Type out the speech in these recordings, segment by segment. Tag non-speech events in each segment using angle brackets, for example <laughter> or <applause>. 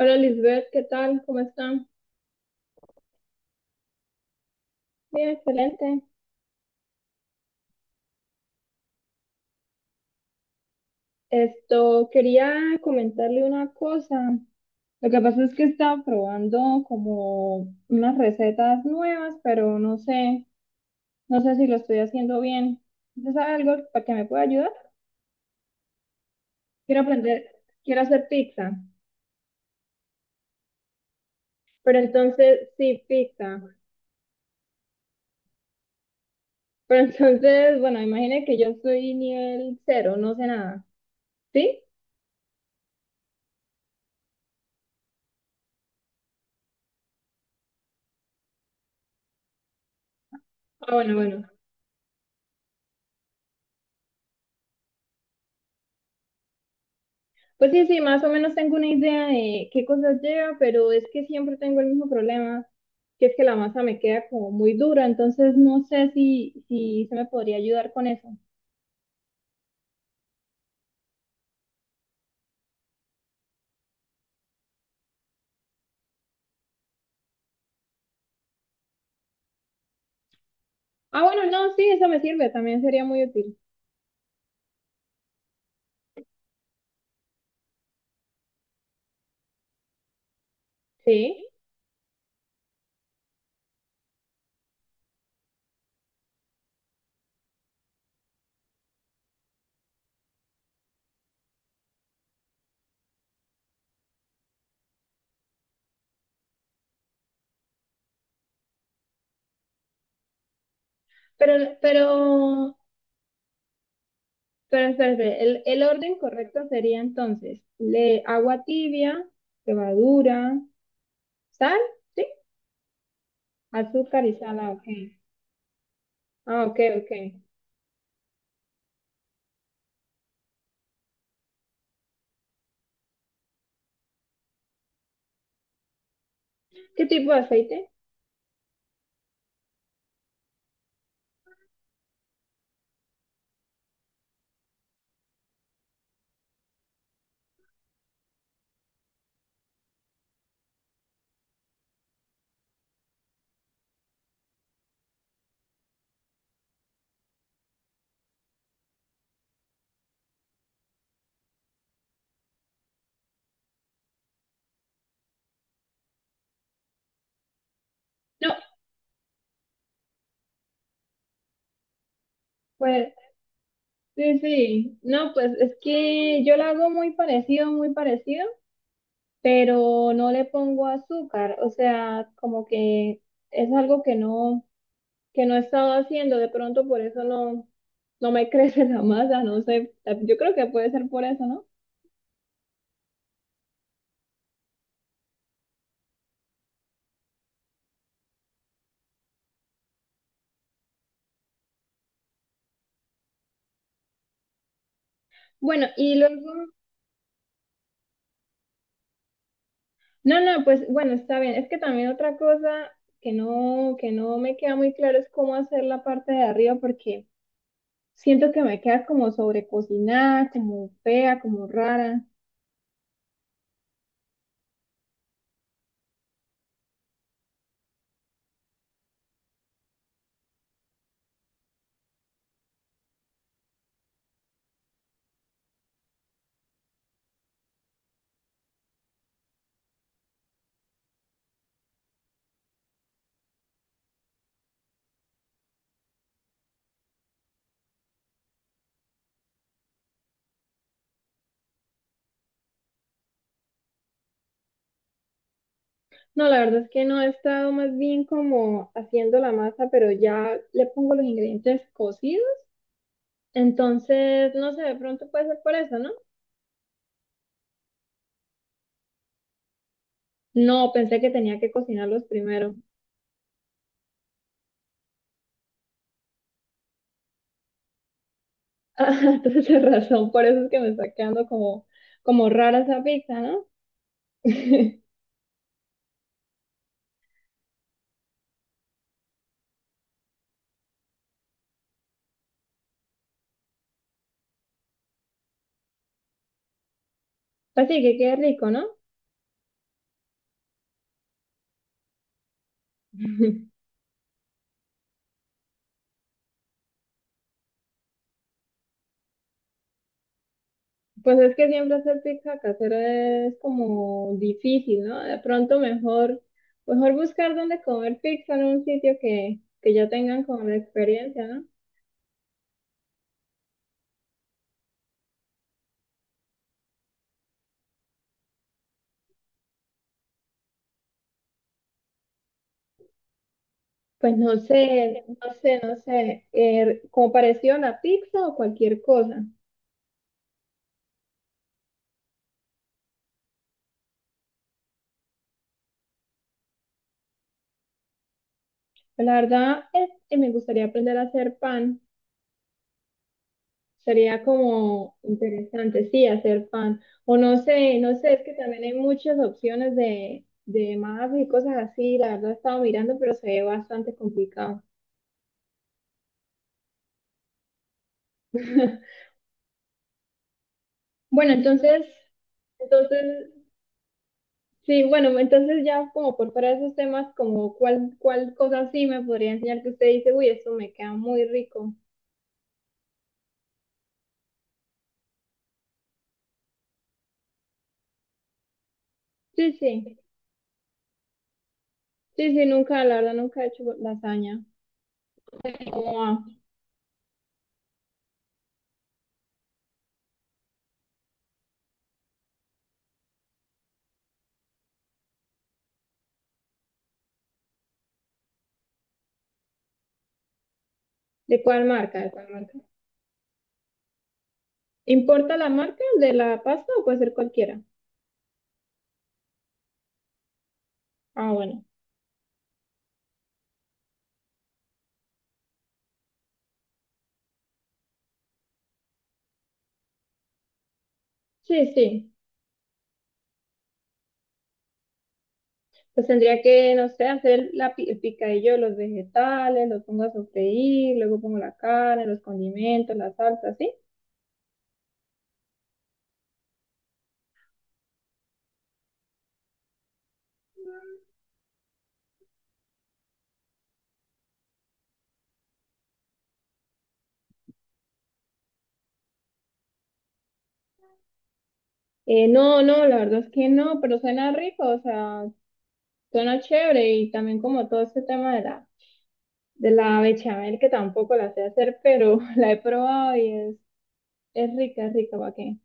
Hola Lisbeth, ¿qué tal? ¿Cómo están? Bien, excelente. Esto, quería comentarle una cosa. Lo que pasa es que estaba probando como unas recetas nuevas, pero no sé, no sé si lo estoy haciendo bien. ¿Usted sabe algo para que me pueda ayudar? Quiero aprender, quiero hacer pizza, pero entonces, sí, pizza. Pero <laughs> entonces, bueno, imagine que yo soy nivel cero, no sé nada. ¿Sí? Ah, bueno, bueno. Pues sí, sí, más o menos tengo una idea de qué cosas lleva, pero es que siempre tengo el mismo problema, que es que la masa me queda como muy dura, entonces no sé si se me podría ayudar con eso. Ah, bueno, no, sí, eso me sirve, también sería muy útil. Sí, pero, pero, pero espérate, el orden correcto sería entonces le, agua tibia, levadura, sal, ¿sí? Azúcar y sal, ah, ok. Ah, ok, ok. ¿Qué tipo de aceite? No, pues sí, sí, no, pues es que yo la hago muy parecido, pero no le pongo azúcar, o sea, como que es algo que no he estado haciendo, de pronto por eso no, no me <laughs> crece la masa, no sé, yo creo que puede ser por eso, ¿no? Bueno, y luego, no, no, pues bueno, está bien, es que también otra cosa que no me queda muy claro es cómo hacer la parte de arriba, porque siento que me queda como sobrecocinada, como fea, como rara. No, la verdad es que no he estado más bien como haciendo la masa, pero ya le pongo los ingredientes cocidos. Entonces, no sé, de pronto puede ser por eso, ¿no? No, pensé que tenía que cocinarlos primero. <laughs> Ah, entonces, tienes razón, por eso es que me está quedando como, como rara esa pizza, ¿no? <laughs> Así que quede rico, ¿no? <laughs> Pues es que siempre hacer pizza casera es como difícil, ¿no? De pronto mejor, mejor buscar dónde comer pizza en un sitio que ya tengan como la experiencia, ¿no? Pues no sé, como parecido a la pizza o cualquier cosa. La verdad es que me gustaría aprender a hacer pan. Sería como interesante, sí, hacer pan. O no sé, es que también hay muchas opciones de mapas y cosas así. La verdad he estado mirando, pero se ve bastante complicado. <laughs> Bueno, entonces, sí, bueno, entonces ya como por fuera de esos temas, como cuál, cuál cosa sí me podría enseñar que usted dice, uy, esto me queda muy rico. Sí, sí, sí, nunca, la verdad, nunca he hecho lasaña. ¿Cómo va? ¿De cuál marca? ¿Importa la marca de la pasta o puede ser cualquiera? Ah, bueno. Sí, sí. Pues tendría que, no sé, hacer el picadillo de los vegetales, los pongo a sofreír, luego pongo la carne, los condimentos, la salsa, ¿sí? No, no, la verdad es que no, pero suena rico, o sea, suena chévere y también como todo este tema de la bechamel que tampoco la sé hacer, pero <laughs> la he probado y es rica, ¿para qué?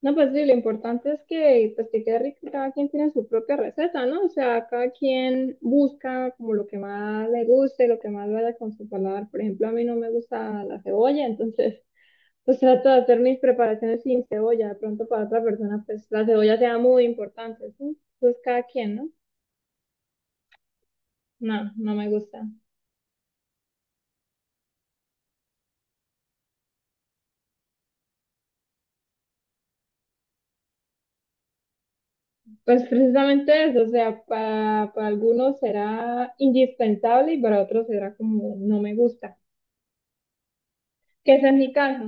No, pues sí, lo importante es que, pues, que quede rico, cada quien tiene su propia receta, ¿no? O sea, cada quien busca como lo que más le guste, lo que más vaya con su paladar. Por ejemplo, a mí no me gusta la cebolla, entonces, <laughs> pues trato de hacer mis preparaciones sin cebolla. De pronto para otra persona, pues la cebolla sea muy importante, ¿sí? Entonces, cada quien, ¿no? No, no me gusta. Pues precisamente eso, o sea, para algunos será indispensable y para otros será como no me gusta, que ese es mi caso.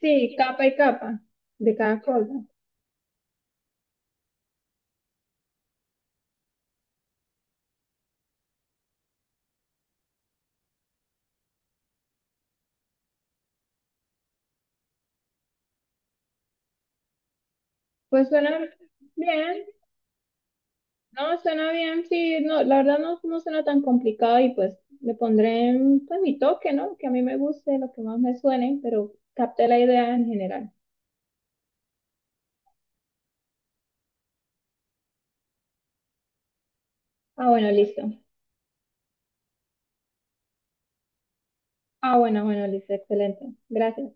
Sí, capa y capa de cada cosa. Pues suena bien, no, suena bien, sí, no, la verdad no, no suena tan complicado y pues le pondré pues, mi toque, ¿no? Que a mí me guste, lo que más me suene, pero capté la idea en general. Ah, bueno, listo. Ah, bueno, bueno, listo, excelente. Gracias.